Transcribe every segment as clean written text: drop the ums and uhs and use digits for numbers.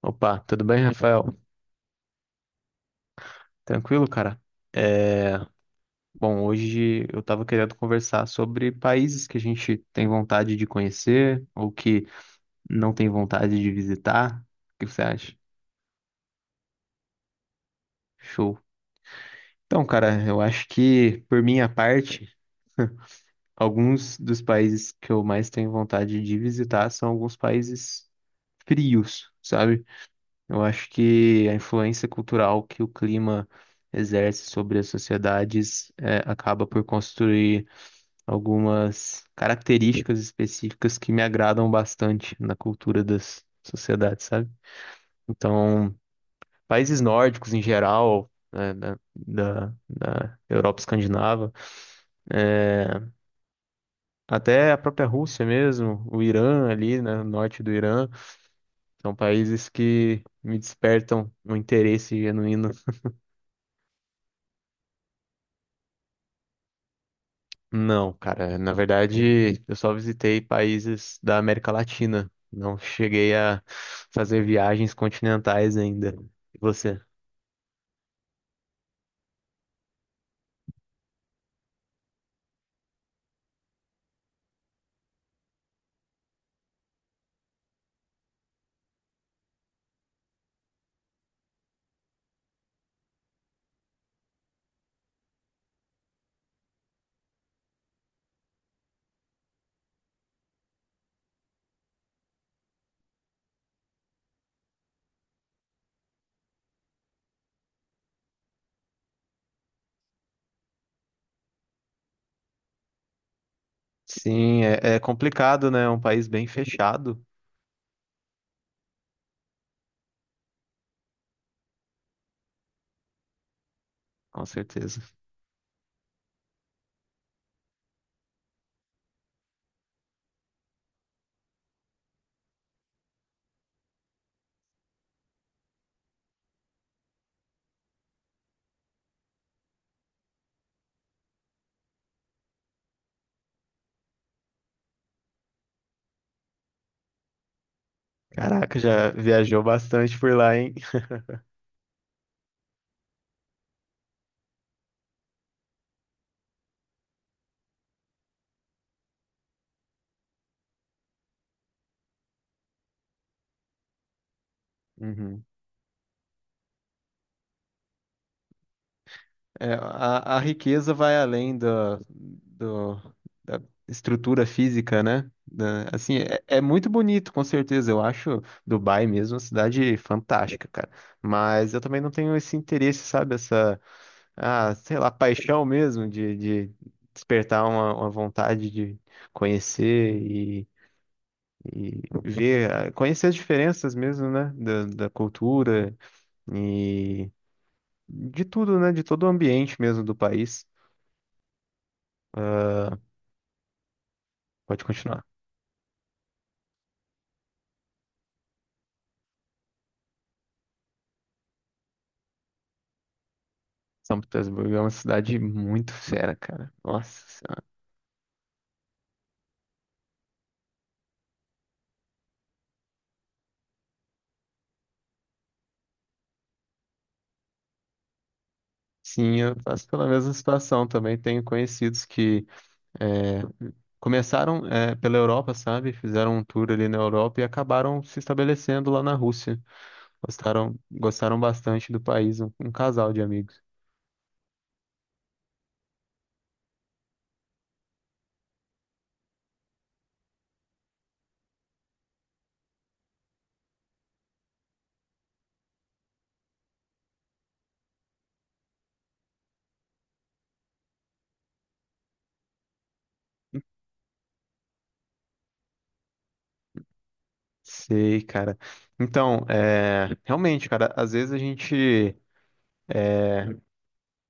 Opa, tudo bem, Rafael? Tranquilo, cara? É, bom, hoje eu tava querendo conversar sobre países que a gente tem vontade de conhecer ou que não tem vontade de visitar. O que você acha? Show. Então, cara, eu acho que, por minha parte, alguns dos países que eu mais tenho vontade de visitar são alguns países frios, sabe? Eu acho que a influência cultural que o clima exerce sobre as sociedades, acaba por construir algumas características específicas que me agradam bastante na cultura das sociedades, sabe? Então, países nórdicos em geral, né, da Europa escandinava, é, até a própria Rússia mesmo, o Irã ali, né, o norte do Irã, são países que me despertam um interesse genuíno. Não, cara, na verdade, eu só visitei países da América Latina. Não cheguei a fazer viagens continentais ainda. E você? Sim, é, é complicado, né? É um país bem fechado, com certeza. Caraca, já viajou bastante por lá, hein? Uhum. É, a riqueza vai além do, da estrutura física, né? Assim, é, é muito bonito, com certeza. Eu acho Dubai mesmo uma cidade fantástica, cara. Mas eu também não tenho esse interesse, sabe? Essa, ah, sei lá, paixão mesmo de despertar uma vontade de conhecer e ver, ah, conhecer as diferenças mesmo, né? Da cultura e de tudo, né? De todo o ambiente mesmo do país. Ah, pode continuar. São Petersburgo é uma cidade muito fera, cara. Nossa Senhora. Sim, eu passo pela mesma situação também. Tenho conhecidos que é, começaram pela Europa, sabe? Fizeram um tour ali na Europa e acabaram se estabelecendo lá na Rússia. Gostaram, gostaram bastante do país, um casal de amigos. Sei, cara. Então, é, realmente, cara, às vezes a gente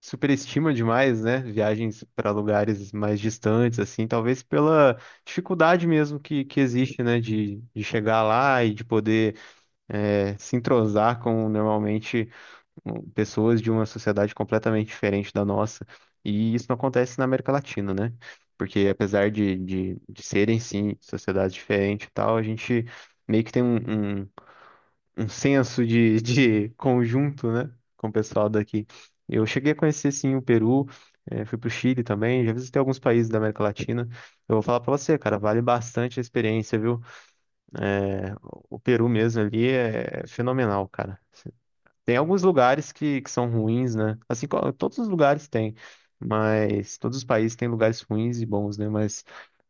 superestima demais, né? Viagens para lugares mais distantes, assim, talvez pela dificuldade mesmo que existe, né? De chegar lá e de poder se entrosar com normalmente pessoas de uma sociedade completamente diferente da nossa. E isso não acontece na América Latina, né? Porque apesar de serem, sim, sociedades diferentes e tal, a gente meio que tem um senso de, de conjunto, né, com o pessoal daqui. Eu cheguei a conhecer, sim, o Peru, fui para o Chile também, já visitei alguns países da América Latina. Eu vou falar para você, cara, vale bastante a experiência, viu? O Peru mesmo ali é fenomenal, cara. Tem alguns lugares que são ruins, né? Assim, todos os lugares têm, mas todos os países têm lugares ruins e bons, né? Mas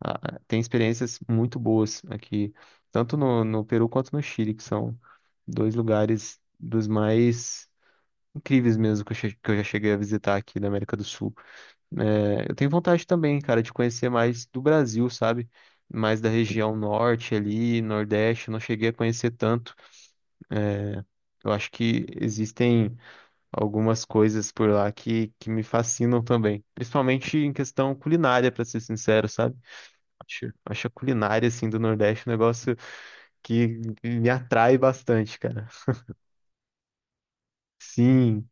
tem experiências muito boas aqui, tanto no Peru quanto no Chile, que são dois lugares dos mais incríveis mesmo que que eu já cheguei a visitar aqui na América do Sul. É, eu tenho vontade também, cara, de conhecer mais do Brasil, sabe? Mais da região norte ali, nordeste, eu não cheguei a conhecer tanto. Eu acho que existem algumas coisas por lá que me fascinam também. Principalmente em questão culinária, pra ser sincero, sabe? Acho a culinária, assim, do Nordeste um negócio que me atrai bastante, cara. Sim.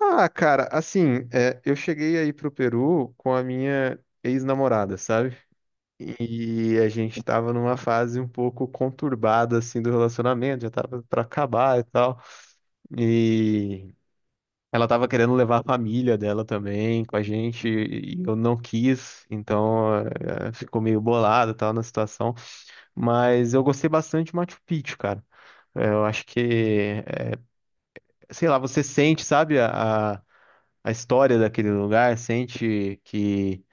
Ah, cara, assim, é, eu cheguei aí pro Peru com a minha ex-namorada, sabe? E a gente tava numa fase um pouco conturbada, assim, do relacionamento, já tava pra acabar e tal. E. Ela tava querendo levar a família dela também com a gente e eu não quis, então ficou meio bolado e tal na situação. Mas eu gostei bastante de Machu Picchu, cara. Eu acho que, eh, sei lá, você sente, sabe, a história daquele lugar, sente que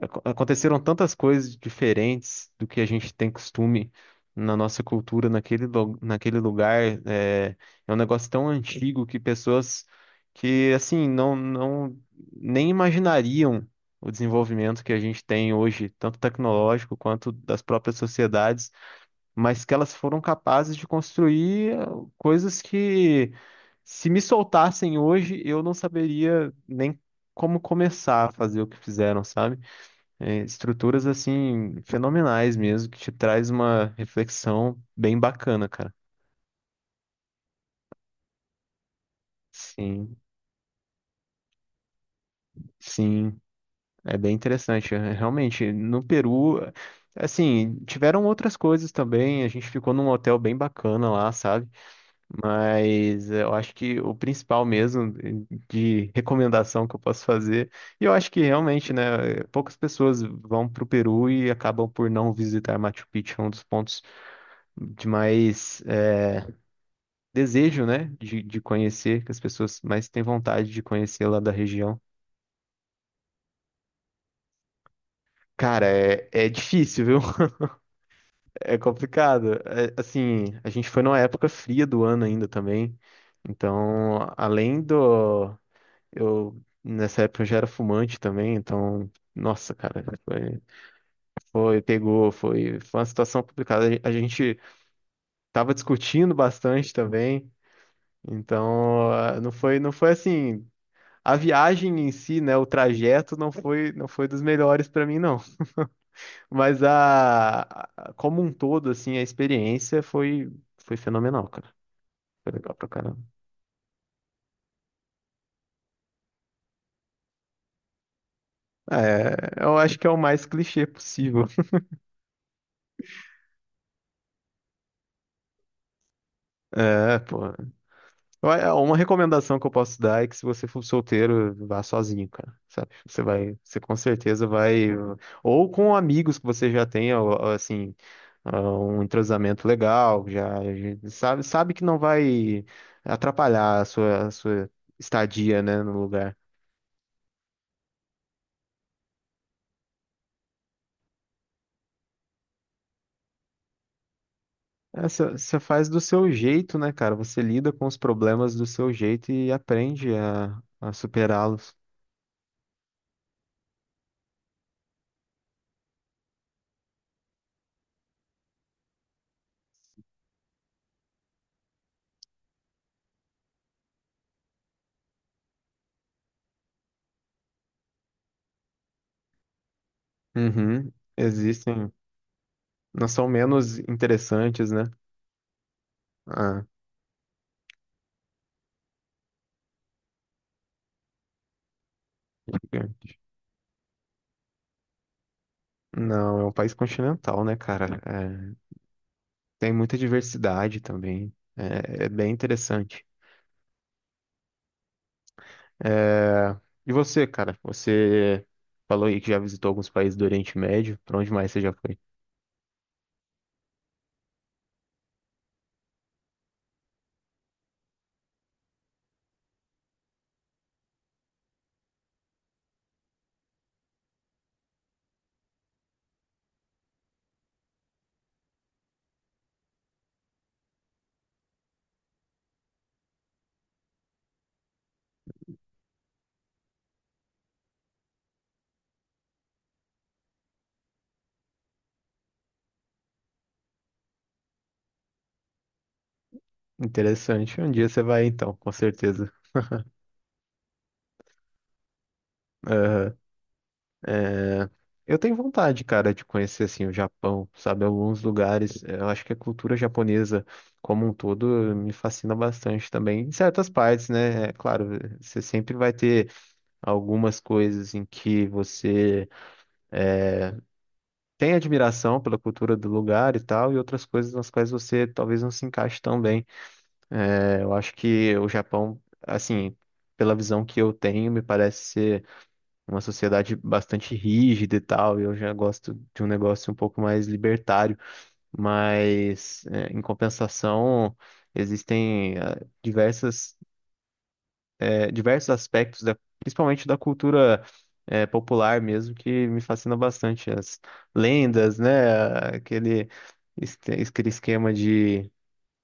Aconteceram tantas coisas diferentes do que a gente tem costume na nossa cultura, naquele lugar. É, é um negócio tão antigo que pessoas que, assim, não nem imaginariam o desenvolvimento que a gente tem hoje, tanto tecnológico quanto das próprias sociedades, mas que elas foram capazes de construir coisas que, se me soltassem hoje, eu não saberia nem como começar a fazer o que fizeram, sabe? É, estruturas assim fenomenais mesmo, que te traz uma reflexão bem bacana, cara. Sim, sim, é bem interessante. Realmente, no Peru, assim, tiveram outras coisas também. A gente ficou num hotel bem bacana lá, sabe? Mas eu acho que o principal mesmo de recomendação que eu posso fazer, e eu acho que realmente, né, poucas pessoas vão pro Peru e acabam por não visitar Machu Picchu, é um dos pontos de mais desejo, né, de conhecer, que as pessoas mais têm vontade de conhecer lá da região. Cara, é, é difícil, viu? É complicado. É, assim, a gente foi numa época fria do ano ainda também. Então, além do. Eu, nessa época eu já era fumante também, então. Nossa, cara, pegou, foi uma situação complicada. A gente tava discutindo bastante também, então não foi, não foi assim. A viagem em si, né, o trajeto não foi dos melhores para mim não, mas como um todo assim, a experiência foi fenomenal, cara. Foi legal pra caramba. É, eu acho que é o mais clichê possível. É, pô. Uma recomendação que eu posso dar é que se você for solteiro, vá sozinho, cara, sabe? Você vai, você com certeza vai, ou com amigos que você já tenha, assim, ah, um entrosamento legal, já sabe, sabe que não vai atrapalhar a sua estadia, né, no lugar. É, você faz do seu jeito, né, cara? Você lida com os problemas do seu jeito e aprende a superá-los. Uhum. Existem, não são menos interessantes, né? Ah, Não, é um país continental, né, cara? É, tem muita diversidade também. É, é bem interessante. É, e você, cara? Você falou aí que já visitou alguns países do Oriente Médio. Pra onde mais você já foi? Interessante. Um dia você vai, então, com certeza. Aham. É, eu tenho vontade, cara, de conhecer, assim, o Japão, sabe? Alguns lugares. Eu acho que a cultura japonesa como um todo me fascina bastante também. Em certas partes, né? É claro, você sempre vai ter algumas coisas em que você tem admiração pela cultura do lugar e tal, e outras coisas nas quais você talvez não se encaixe tão bem. É, eu acho que o Japão, assim, pela visão que eu tenho, me parece ser uma sociedade bastante rígida e tal, e eu já gosto de um negócio um pouco mais libertário, mas é, em compensação. Existem diversas diversos aspectos, principalmente da cultura popular mesmo, que me fascina bastante. As lendas, né? Es- aquele esquema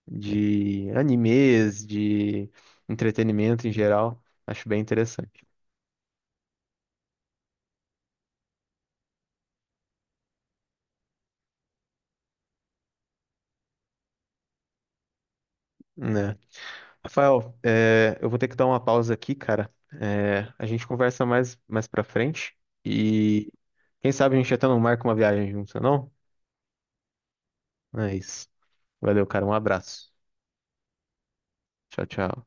de animes, de entretenimento em geral. Acho bem interessante, né? Rafael, é, eu vou ter que dar uma pausa aqui, cara. É, a gente conversa mais, mais pra frente e quem sabe a gente até não marca uma viagem junto, não? É isso. Valeu, cara. Um abraço. Tchau, tchau.